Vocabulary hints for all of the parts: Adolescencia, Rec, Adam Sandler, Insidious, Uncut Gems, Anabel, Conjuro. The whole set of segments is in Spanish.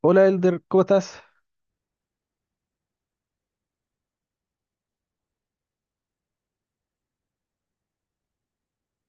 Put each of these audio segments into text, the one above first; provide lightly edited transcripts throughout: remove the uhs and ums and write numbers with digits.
Hola Elder, ¿cómo estás?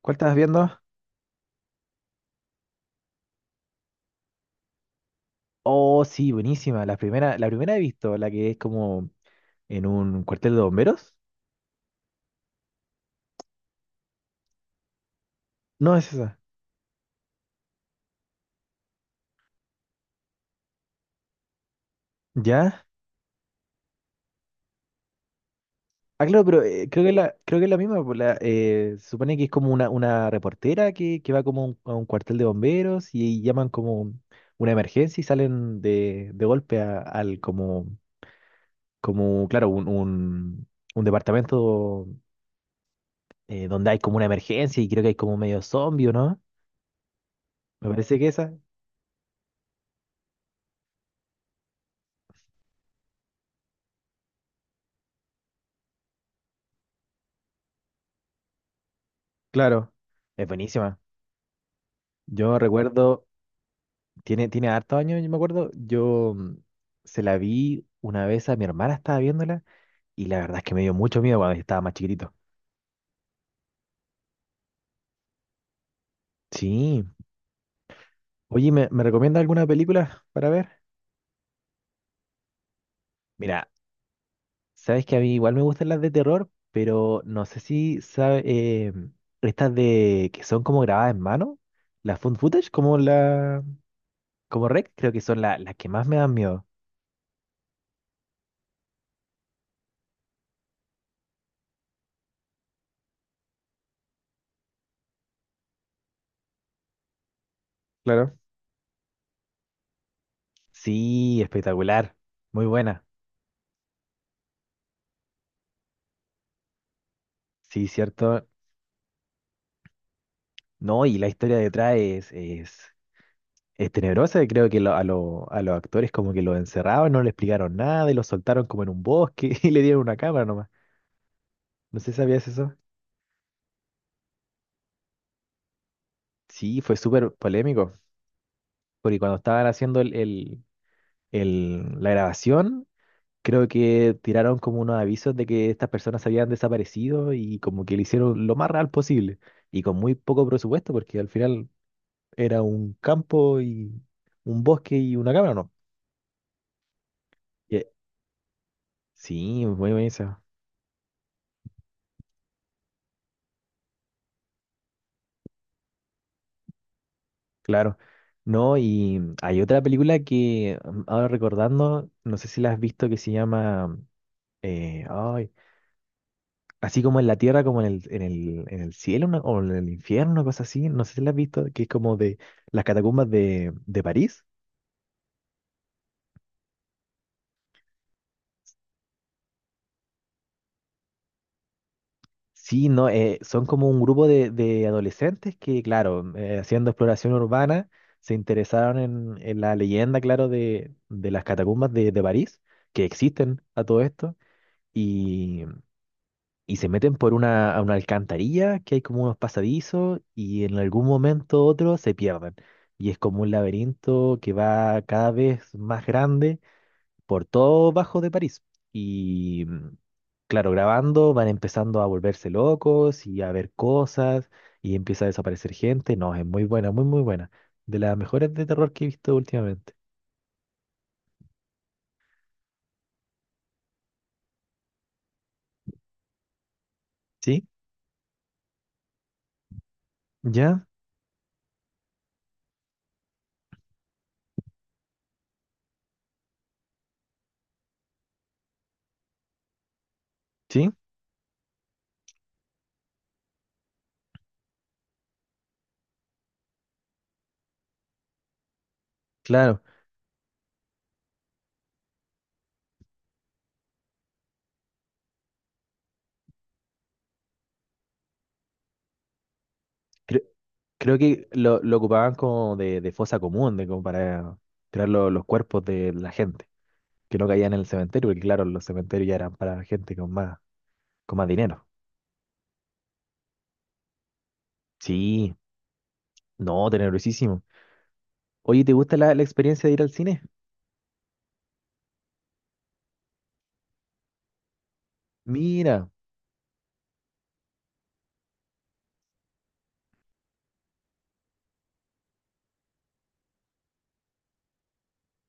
¿Cuál estabas viendo? Oh, sí, buenísima. La primera he visto, la que es como en un cuartel de bomberos. No es esa. ¿Ya? Ah, claro, pero creo que la, creo que es la misma. Pues, la, se supone que es como una reportera que va como a a un cuartel de bomberos y llaman como una emergencia y salen de golpe al como, como, claro, un departamento donde hay como una emergencia y creo que hay como medio zombie, ¿o no? Me parece que esa. Claro, es buenísima. Yo recuerdo, tiene, tiene hartos años, yo me acuerdo, yo, se la vi una vez a mi hermana, estaba viéndola, y la verdad es que me dio mucho miedo cuando estaba más chiquitito. Sí. Oye, ¿me, me recomienda alguna película para ver? Mira, sabes que a mí igual me gustan las de terror, pero no sé si sabes, estas de que son como grabadas en mano, las found footage, como la, como Rec, creo que son las que más me dan miedo. Claro. Sí, espectacular, muy buena. Sí, cierto. No, y la historia detrás es tenebrosa. Y creo que a los actores como que lo encerraban, no le explicaron nada y lo soltaron como en un bosque y le dieron una cámara nomás. No sé, ¿sabías eso? Sí, fue súper polémico. Porque cuando estaban haciendo la grabación, creo que tiraron como unos avisos de que estas personas habían desaparecido y como que le hicieron lo más real posible. Y con muy poco presupuesto, porque al final era un campo y un bosque y una cámara, ¿no? Sí, muy buena esa, claro. No, y hay otra película que ahora recordando, no sé si la has visto, que se llama, ay, así como en la tierra, como en el, en el, en el cielo, o en el infierno, cosas así, no sé si la has visto, que es como de las catacumbas de París. Sí, no, son como un grupo de adolescentes que, claro, haciendo exploración urbana, se interesaron en la leyenda, claro, de las catacumbas de París, que existen a todo esto y, y se meten por una, a una alcantarilla que hay como unos pasadizos y en algún momento u otro se pierden. Y es como un laberinto que va cada vez más grande por todo bajo de París. Y claro, grabando van empezando a volverse locos y a ver cosas y empieza a desaparecer gente. No, es muy buena, muy, muy buena. De las mejores de terror que he visto últimamente. ¿Sí? ¿Ya? ¿Sí? Claro. Creo- Creo que lo ocupaban como de fosa común, de como para tirar los cuerpos de la gente, que no caían en el cementerio, porque claro, los cementerios ya eran para gente con más dinero. Sí, no, tenebrosísimo. Oye, ¿te gusta la, la experiencia de ir al cine? Mira,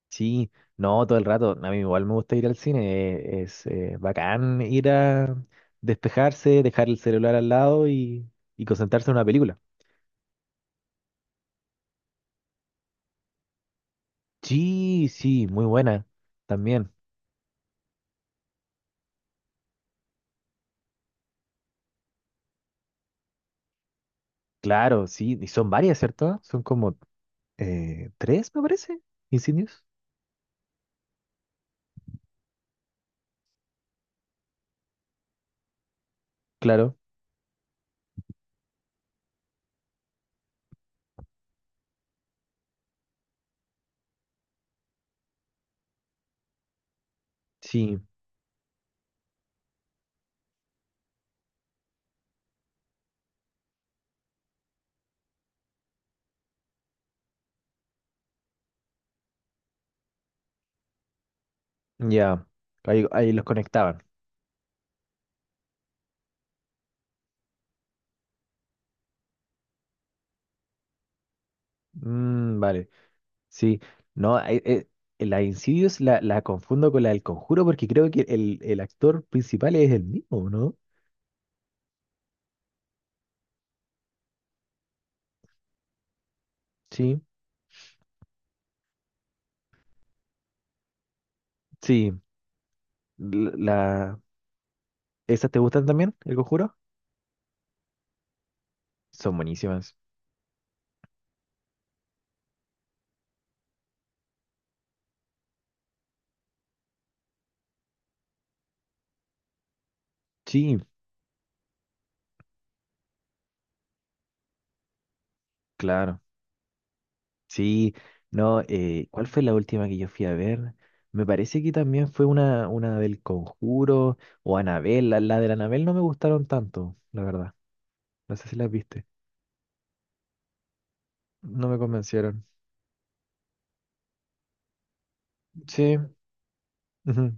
sí, no, todo el rato. A mí igual me gusta ir al cine, es bacán ir a despejarse, dejar el celular al lado y concentrarse en una película. Sí, sí, muy buena también. Claro, sí, y son varias, ¿cierto? Son como tres, me parece, incendios. Claro, sí, ya, ahí, ahí los conectaban. Mm, vale, sí, no, ahí, la de Insidious la, la confundo con la del Conjuro porque creo que el actor principal es el mismo, ¿no? Sí, sí, la, la- ¿esas te gustan también, el Conjuro? Son buenísimas. Sí, claro. Sí, no, ¿cuál fue la última que yo fui a ver? Me parece que también fue una del Conjuro o Anabel. La de la Anabel no me gustaron tanto, la verdad. No sé si las viste. No me convencieron. Sí. Ujú.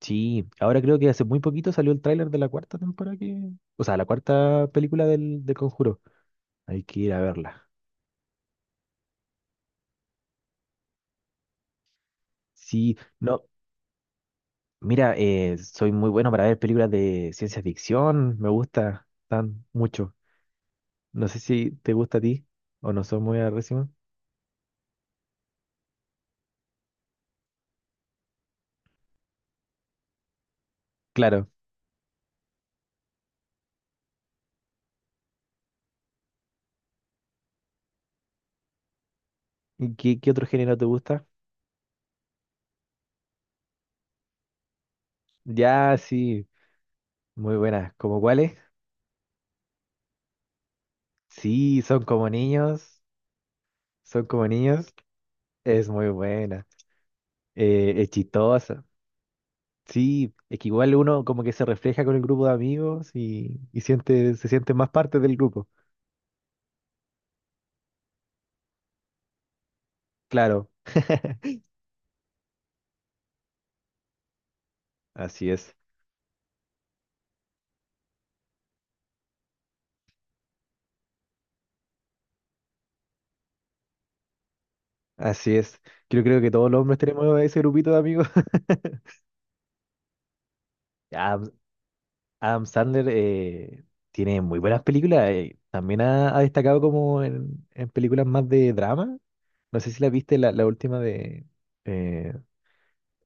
Sí, ahora creo que hace muy poquito salió el tráiler de la cuarta temporada que... O sea, la cuarta película del, del Conjuro. Hay que ir a verla. Sí, no, mira, soy muy bueno para ver películas de ciencia ficción. Me gusta tan mucho. No sé si te gusta a ti o no son muy agresivos. Claro. ¿Y ¿qué, qué otro género te gusta? Ya, sí, muy buenas. ¿Cómo cuáles? Sí, son como niños. Son como niños. Es muy buena. Es chistosa. Sí, es que igual uno como que se refleja con el grupo de amigos y siente, se siente más parte del grupo. Claro. Así es. Así es. Yo creo que todos los hombres tenemos ese grupito de amigos. Ya, Adam Sandler tiene muy buenas películas. También ha, ha destacado como en películas más de drama. No sé si la viste la, la última de eh,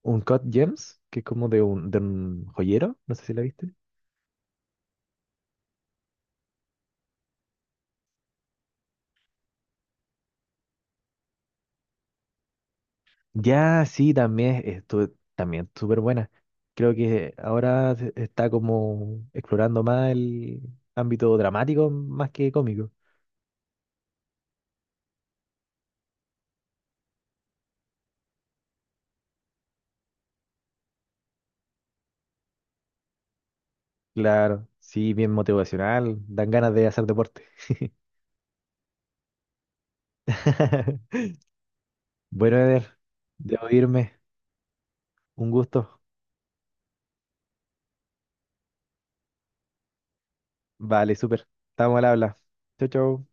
Uncut Gems, que es como de un joyero. No sé si la viste. Ya, sí, también estuvo también súper buena. Creo que ahora está como explorando más el ámbito dramático más que cómico. Claro, sí, bien motivacional, dan ganas de hacer deporte. Bueno, Eder, debo irme. Un gusto. Vale, súper. Estamos al habla. Chau, chau.